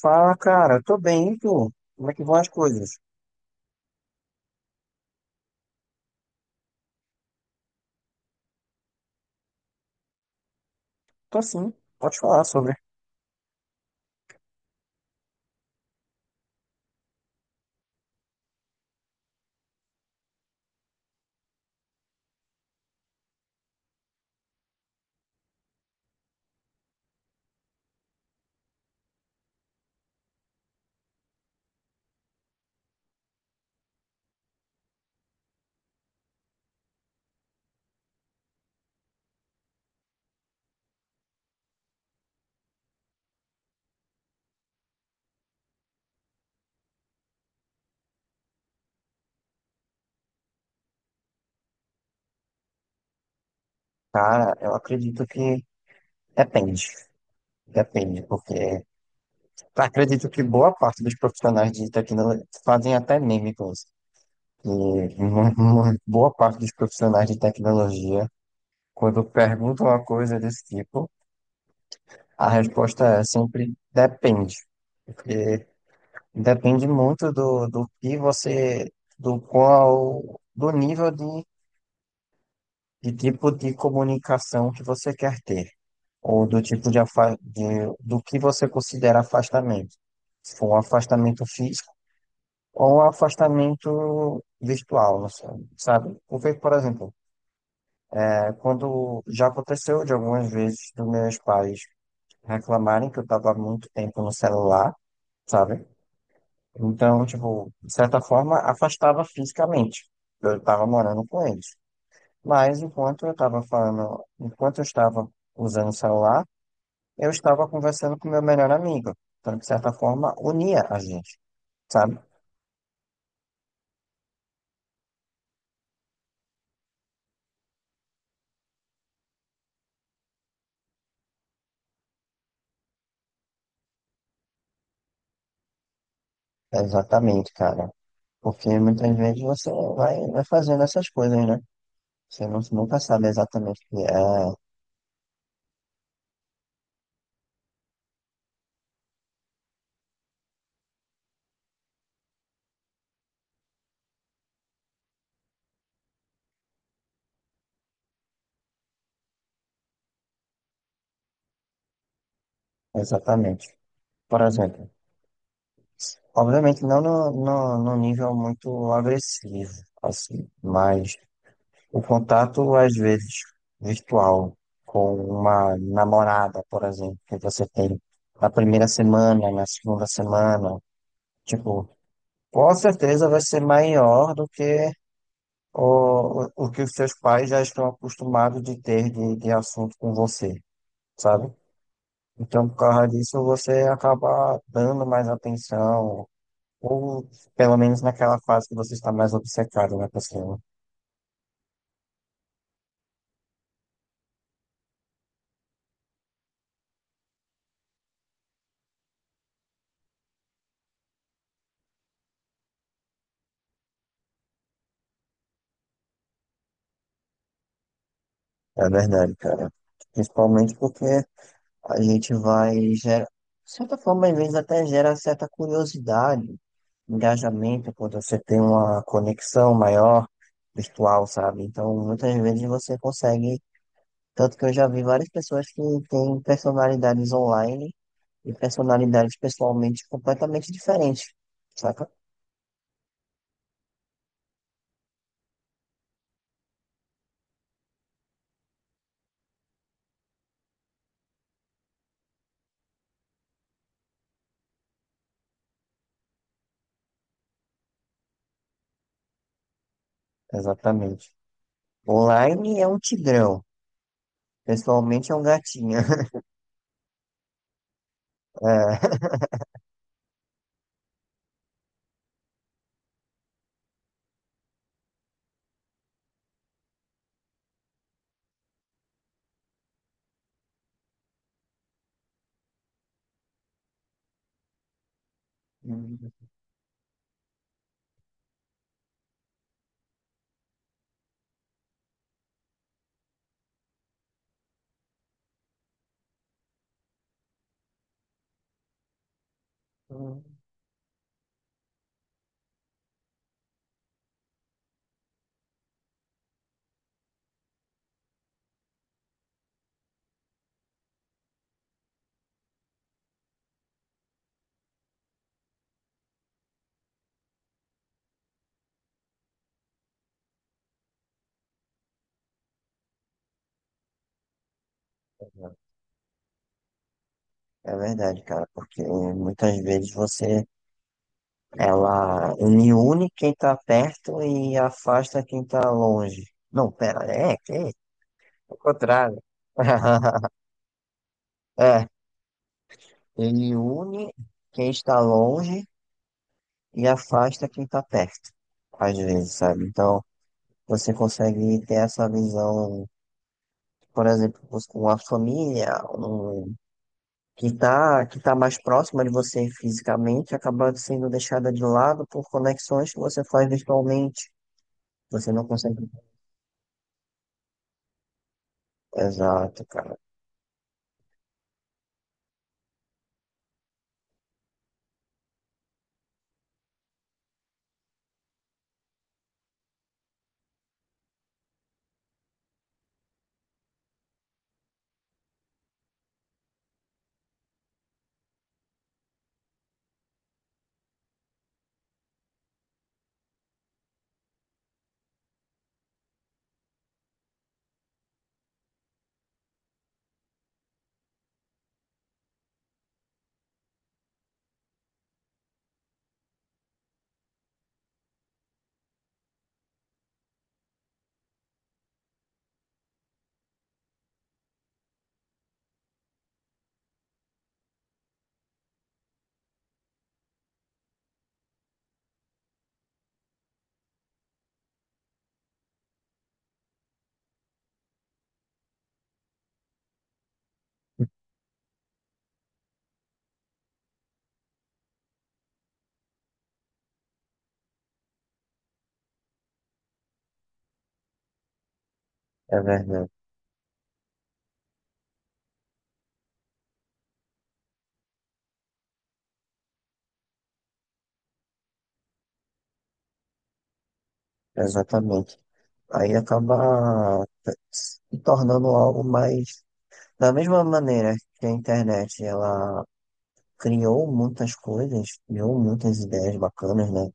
Fala, cara, tô bem, e tu? Como é que vão as coisas? Tô sim, pode falar sobre. Cara, eu acredito que depende, porque acredito que boa parte dos profissionais de tecnologia fazem até meme com isso. E boa parte dos profissionais de tecnologia, quando perguntam uma coisa desse tipo, a resposta é sempre depende, porque depende muito do que você, do qual, do nível de tipo de comunicação que você quer ter? Ou do tipo de, de do que você considera afastamento? Se for um afastamento físico ou um afastamento virtual, não sei, sabe? Porque, por exemplo, quando já aconteceu de algumas vezes dos meus pais reclamarem que eu estava muito tempo no celular, sabe? Então, tipo, de certa forma, afastava fisicamente. Eu estava morando com eles. Mas enquanto eu estava falando, enquanto eu estava usando o celular, eu estava conversando com meu melhor amigo. Então, de certa forma, unia a gente, sabe? Exatamente, cara. Porque muitas vezes você vai fazendo essas coisas, né? Você não, nunca sabe exatamente o que é. Exatamente. Por exemplo, obviamente não no nível muito agressivo, assim, mas o contato, às vezes, virtual com uma namorada, por exemplo, que você tem na primeira semana, na segunda semana, tipo, com certeza vai ser maior do que o que os seus pais já estão acostumados de ter de assunto com você, sabe? Então, por causa disso, você acaba dando mais atenção, ou pelo menos naquela fase que você está mais obcecado na pessoa. É verdade, cara. Principalmente porque a gente vai gera, de certa forma, às vezes até gera certa curiosidade, engajamento, quando você tem uma conexão maior virtual, sabe? Então, muitas vezes você consegue, tanto que eu já vi várias pessoas que têm personalidades online e personalidades pessoalmente completamente diferentes, saca? Exatamente. Online é um tigrão, pessoalmente é um gatinho. É. É verdade, cara, porque muitas vezes você ela une quem tá perto e afasta quem tá longe. Não, pera, é que é o contrário. É, ele une quem está longe e afasta quem está perto, às vezes, sabe? Então, você consegue ter essa visão, por exemplo, com a família, um, que está que tá mais próxima de você fisicamente, acaba sendo deixada de lado por conexões que você faz virtualmente. Você não consegue. Exato, cara. É verdade, exatamente. Aí acaba se tornando algo mais. Da mesma maneira que a internet, ela criou muitas coisas, criou muitas ideias bacanas, né?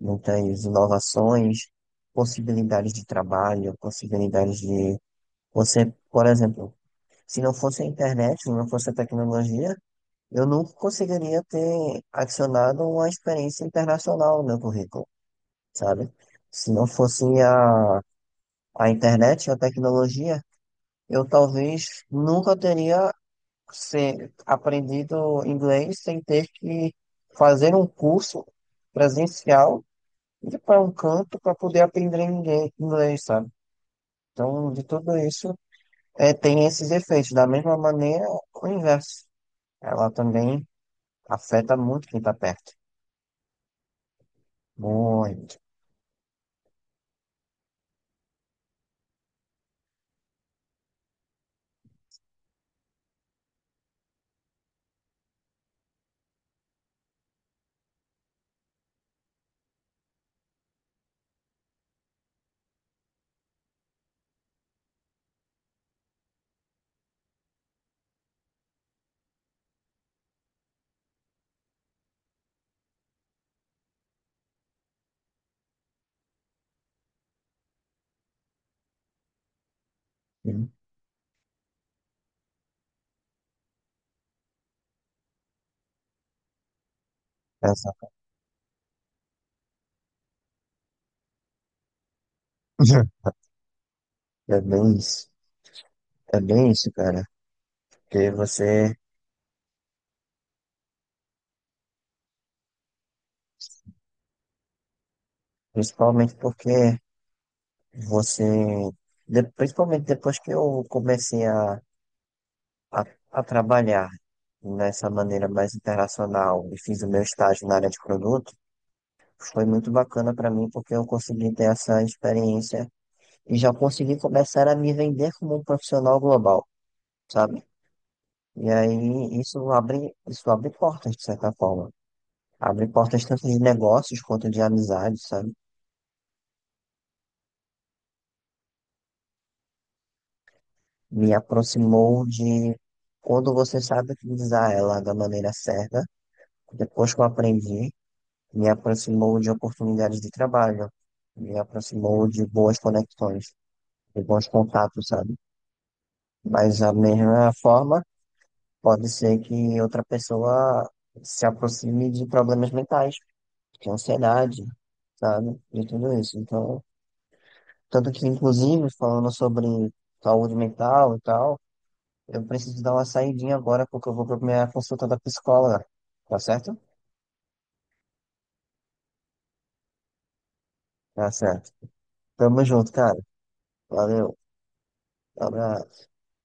Muitas inovações, possibilidades de trabalho, possibilidades de. Você, por exemplo, se não fosse a internet, se não fosse a tecnologia, eu nunca conseguiria ter adicionado uma experiência internacional no meu currículo, sabe? Se não fosse a internet, a tecnologia, eu talvez nunca teria aprendido inglês sem ter que fazer um curso presencial ir para um canto para poder aprender inglês, sabe? Então, de tudo isso, tem esses efeitos. Da mesma maneira, o inverso. Ela também afeta muito quem está perto. Muito. Hum. Essa- É bem isso. É bem isso, cara. Porque você, principalmente porque você, principalmente depois que eu comecei a, a trabalhar nessa maneira mais internacional e fiz o meu estágio na área de produto, foi muito bacana para mim porque eu consegui ter essa experiência e já consegui começar a me vender como um profissional global, sabe? E aí isso abre portas, de certa forma. Abre portas tanto de negócios quanto de amizade, sabe? Me aproximou de quando você sabe utilizar ela da maneira certa. Depois que eu aprendi, me aproximou de oportunidades de trabalho, me aproximou de boas conexões, de bons contatos, sabe? Mas da mesma forma, pode ser que outra pessoa se aproxime de problemas mentais, de ansiedade, sabe? De tudo isso. Então, tanto que, inclusive, falando sobre saúde mental e tal, eu preciso dar uma saidinha agora porque eu vou pra minha consulta da psicóloga, tá certo? Tá certo. Tamo junto, cara. Valeu. Abraço.